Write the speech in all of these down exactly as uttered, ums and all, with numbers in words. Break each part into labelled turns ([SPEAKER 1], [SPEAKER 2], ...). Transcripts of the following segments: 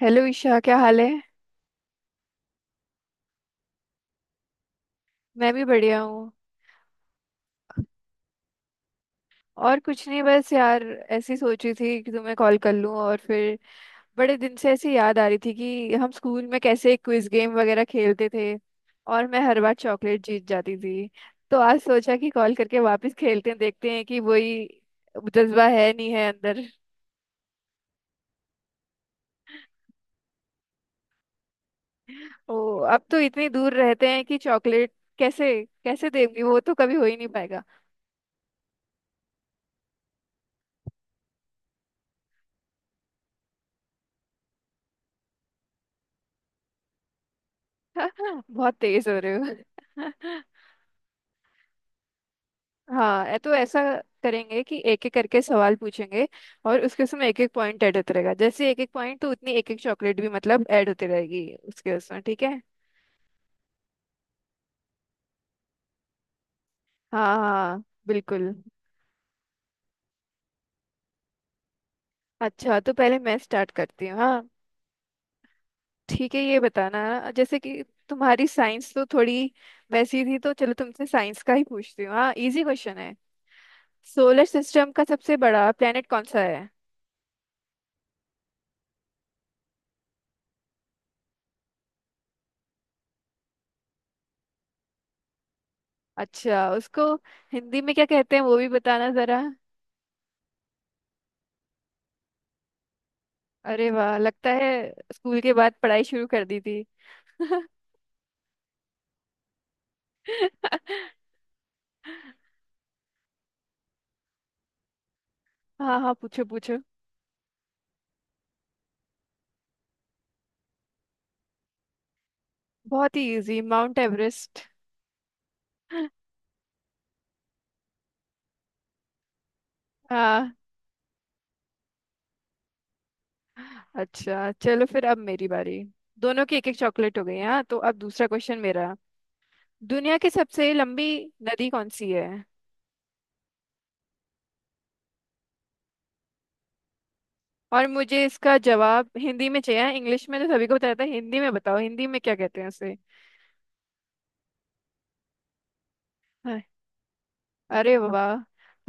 [SPEAKER 1] Hello Isha, क्या हाल है। मैं भी बढ़िया हूँ। और कुछ नहीं, बस यार ऐसी सोची थी कि तुम्हें कॉल कर लूँ, और फिर बड़े दिन से ऐसी याद आ रही थी कि हम स्कूल में कैसे क्विज गेम वगैरह खेलते थे, और मैं हर बार चॉकलेट जीत जाती थी। तो आज सोचा कि कॉल करके वापस खेलते हैं, देखते हैं कि वही जज्बा है नहीं है अंदर। ओ, अब तो इतनी दूर रहते हैं कि चॉकलेट कैसे, कैसे देंगी। वो तो कभी हो ही नहीं पाएगा। बहुत तेज हो रहे हो। हाँ, ए- तो ऐसा करेंगे कि एक एक करके सवाल पूछेंगे, और उसके उसमें एक एक पॉइंट ऐड होता रहेगा। जैसे एक एक पॉइंट तो उतनी एक एक चॉकलेट भी मतलब ऐड होती रहेगी उसके उसमें। ठीक है। हाँ हाँ, बिल्कुल। अच्छा, तो पहले मैं स्टार्ट करती हूँ। हाँ। ठीक है, ये बताना, जैसे कि तुम्हारी साइंस तो थोड़ी वैसी थी, तो चलो तुमसे साइंस का ही पूछती हूँ। हाँ, इजी क्वेश्चन है। सोलर सिस्टम का सबसे बड़ा प्लेनेट कौन सा है। अच्छा, उसको हिंदी में क्या कहते हैं वो भी बताना जरा। अरे वाह, लगता है स्कूल के बाद पढ़ाई शुरू कर दी थी। हाँ हाँ, पूछो पूछो। बहुत ही इजी, माउंट एवरेस्ट। हाँ। अच्छा चलो फिर, अब मेरी बारी। दोनों की एक एक चॉकलेट हो गई। हाँ, तो अब दूसरा क्वेश्चन मेरा। दुनिया की सबसे लंबी नदी कौन सी है। और मुझे इसका जवाब हिंदी में चाहिए। हाँ, इंग्लिश में तो सभी को बताया था, हिंदी में बताओ, हिंदी में क्या कहते हैं उसे। हाँ। अरे वाह,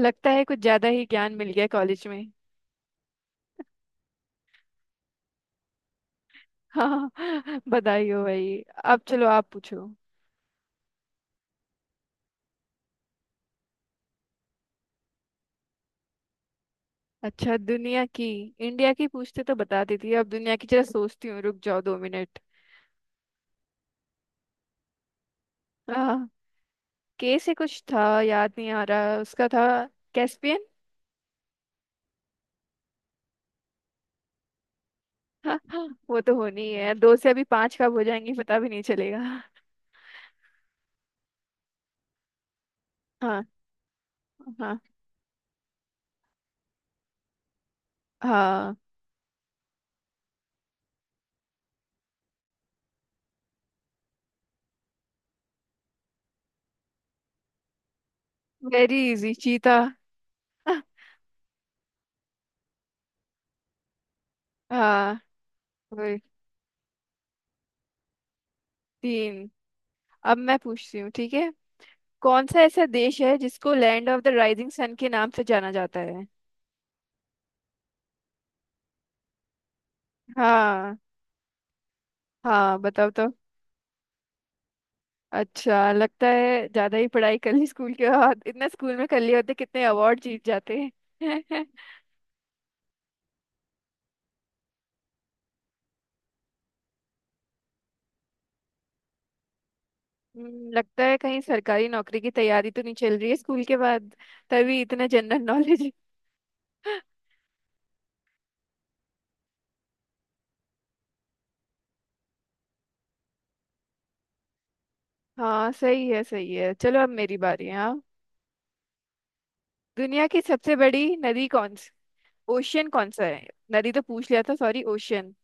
[SPEAKER 1] लगता है कुछ ज्यादा ही ज्ञान मिल गया कॉलेज में। हाँ, बधाई हो भाई। अब चलो, आप पूछो। अच्छा, दुनिया की? इंडिया की पूछते तो बता देती, अब दुनिया की जरा सोचती हूँ, रुक जाओ दो मिनट। हाँ, के से कुछ था, याद नहीं आ रहा उसका था। कैस्पियन। हाँ हाँ, वो तो होनी ही है। दो से अभी पांच कब हो जाएंगी पता भी नहीं चलेगा। हाँ। हाँ हाँ। वेरी इजी, चीता। हाँ, वही। तीन। अब मैं पूछती हूँ, ठीक है। कौन सा ऐसा देश है जिसको land of the rising sun के नाम से जाना जाता है। हाँ, हाँ बताओ तो। अच्छा, लगता है ज्यादा ही पढ़ाई कर ली स्कूल के बाद। इतना स्कूल में कर लिए होते, कितने अवार्ड जीत जाते हैं। हम्म, लगता है कहीं सरकारी नौकरी की तैयारी तो नहीं चल रही है स्कूल के बाद, तभी इतना जनरल नॉलेज। हाँ, सही है सही है। चलो अब मेरी बारी है। हाँ। दुनिया की सबसे बड़ी नदी कौन सी, ओशियन कौन सा है। नदी तो पूछ लिया था, सॉरी, ओशियन।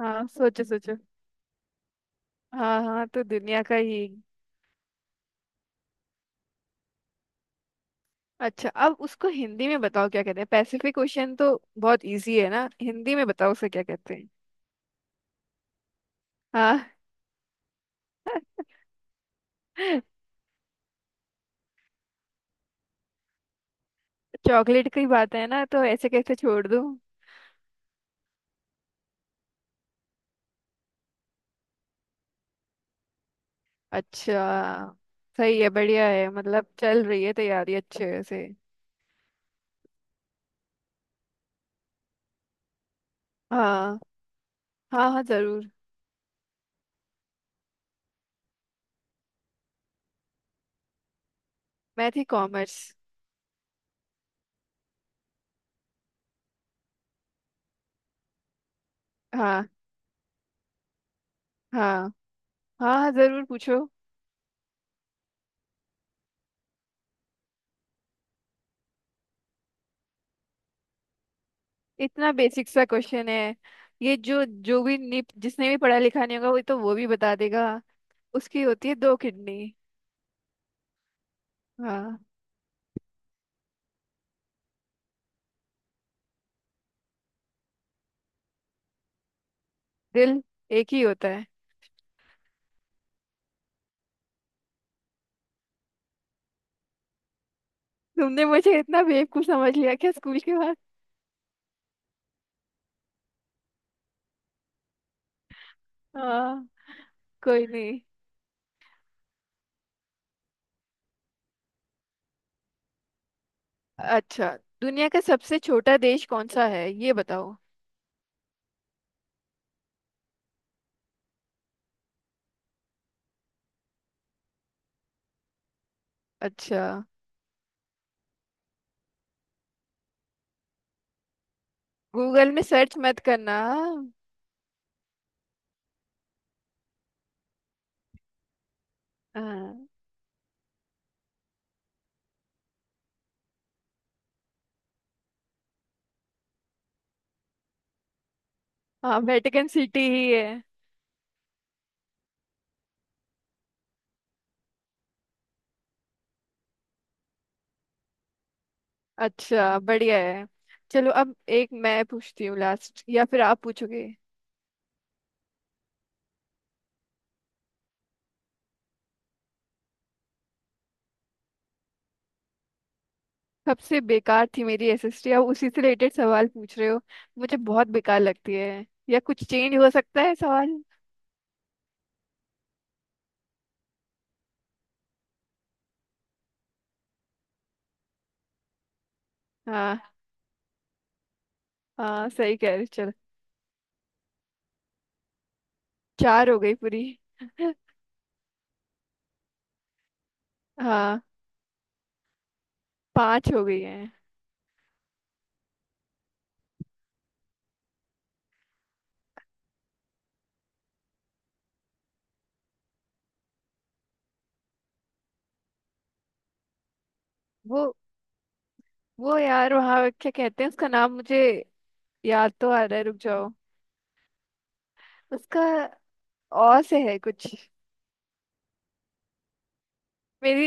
[SPEAKER 1] हाँ, सोचो सोचो। हाँ हाँ, तो दुनिया का ही। अच्छा, अब उसको हिंदी में बताओ क्या कहते हैं। पैसिफिक ओशियन तो बहुत इजी है ना, हिंदी में बताओ उसे क्या कहते हैं। हाँ। चॉकलेट की बात है ना, तो ऐसे कैसे छोड़ दूँ। अच्छा। सही है, बढ़िया है, मतलब चल रही है तैयारी अच्छे से। हाँ। हाँ। हाँ, जरूर। मैं थी कॉमर्स। हाँ। हाँ। हाँ हाँ, जरूर पूछो। इतना बेसिक सा क्वेश्चन है। ये जो जो भी नि- जिसने भी पढ़ा लिखा नहीं होगा, वो तो वो भी बता देगा। उसकी होती है दो किडनी। हाँ। दिल एक ही होता है। तुमने मुझे इतना बेवकूफ समझ लिया क्या स्कूल के बाद। हाँ। कोई नहीं। अच्छा, दुनिया का सबसे छोटा देश कौन सा है ये बताओ। अच्छा। गूगल में सर्च मत करना। हाँ हाँ, वेटिकन सिटी ही है। अच्छा, बढ़िया है। चलो अब एक मैं पूछती हूँ लास्ट, या फिर आप पूछोगे। सबसे बेकार थी मेरी एसएसटी, अब उसी से रिलेटेड सवाल पूछ रहे हो। मुझे बहुत बेकार लगती है। या कुछ चेंज हो सकता है सवाल। हाँ, हाँ सही कह रहे हो, चलो। चार हो गई पूरी। हाँ। पांच हो गई है। वो वो यार, वहाँ क्या कहते हैं उसका नाम, मुझे याद तो आ रहा है, रुक जाओ। उसका और से है कुछ। मेरी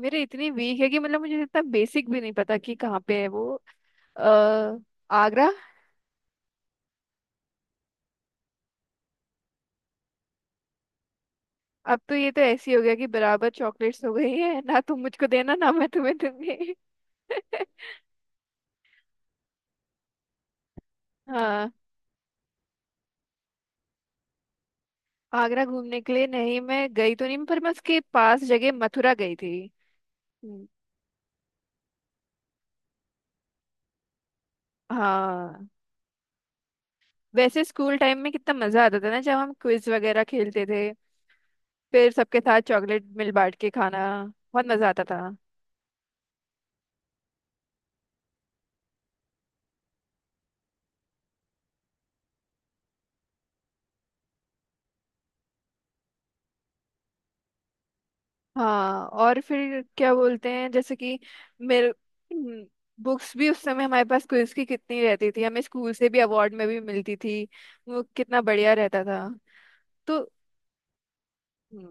[SPEAKER 1] मेरी इतनी वीक है कि मतलब मुझे इतना बेसिक भी नहीं पता कि कहाँ पे है वो। अ, आगरा। अब तो ये तो ऐसी हो गया कि बराबर चॉकलेट्स हो गई है ना। तुम मुझको देना ना, मैं तुम्हें दूंगी। हाँ। आगरा घूमने के लिए नहीं, मैं गई तो नहीं, पर मैं उसके पास जगह मथुरा गई थी। हम्म। हाँ, वैसे स्कूल टाइम में कितना मजा आता था ना जब हम क्विज वगैरह खेलते थे। फिर सबके साथ चॉकलेट मिल बांट के खाना, बहुत मजा आता था। हाँ, और फिर क्या बोलते हैं जैसे कि मेरे, हम्म, बुक्स भी उस समय हमारे पास क्विज की कितनी रहती थी, हमें स्कूल से भी अवार्ड में भी मिलती थी, वो कितना बढ़िया रहता था। तो हम्म,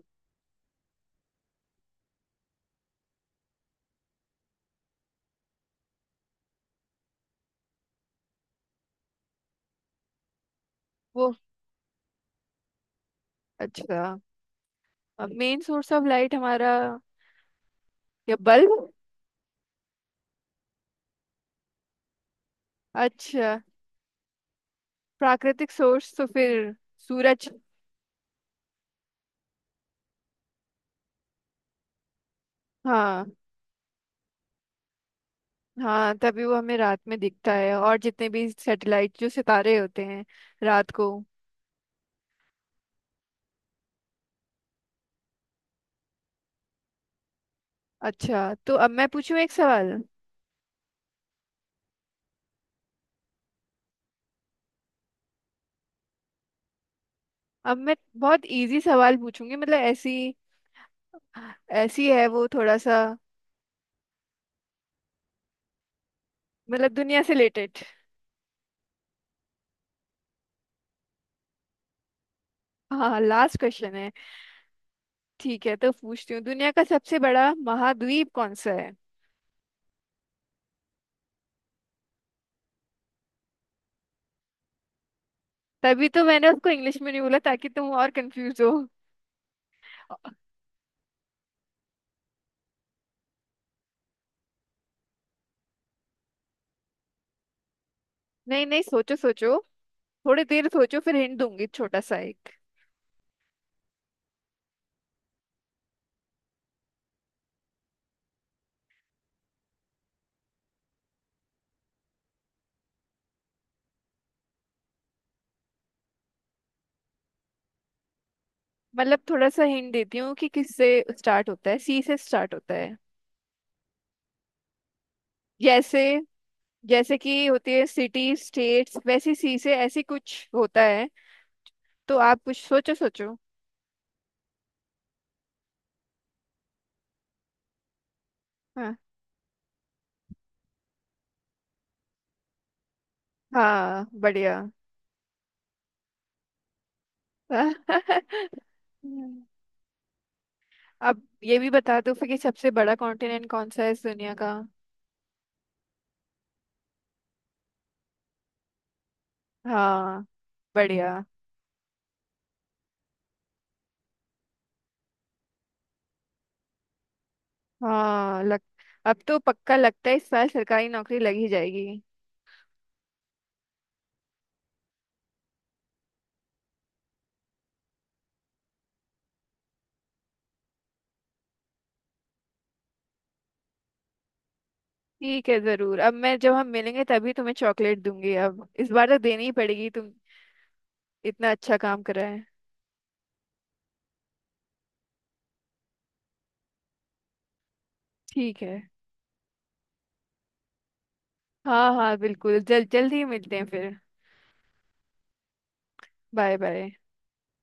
[SPEAKER 1] वो अच्छा। मेन सोर्स ऑफ लाइट हमारा, या बल्ब। अच्छा, प्राकृतिक सोर्स तो फिर सूरज। हाँ, हाँ तभी वो हमें रात में दिखता है, और जितने भी सैटेलाइट जो सितारे होते हैं रात को। अच्छा, तो अब मैं पूछूं एक सवाल। अब मैं बहुत इजी सवाल पूछूंगी, मतलब ऐसी ऐसी है वो थोड़ा सा। मतलब दुनिया से रिलेटेड। हाँ, लास्ट क्वेश्चन है। ठीक है, तो पूछती हूँ, दुनिया का सबसे बड़ा महाद्वीप कौन सा है। तभी तो मैंने उसको इंग्लिश में नहीं बोला, ताकि तुम और कंफ्यूज हो। नहीं नहीं, सोचो सोचो, थोड़ी देर सोचो, फिर हिंट दूंगी, छोटा सा एक। मतलब थोड़ा सा हिंट देती हूँ कि किससे स्टार्ट होता है, सी से स्टार्ट होता है। जैसे, जैसे कि होती है सिटी स्टेट्स, वैसी सी से ऐसी कुछ होता है। तो आप कुछ सोचो सोचो। हाँ, हाँ बढ़िया। अब ये भी बता दो फिर कि सबसे बड़ा कॉन्टिनेंट कौन सा है इस दुनिया का। हाँ, बढ़िया। हाँ, लग अब तो पक्का लगता है इस साल सरकारी नौकरी लग ही जाएगी। ठीक है, जरूर। अब मैं जब हम मिलेंगे तभी तुम्हें चॉकलेट दूंगी, अब इस बार तो देनी ही पड़ेगी। तुम इतना अच्छा काम कर रहा है। ठीक है। हाँ हाँ बिल्कुल, जल जल्दी ही मिलते हैं फिर। Bye bye.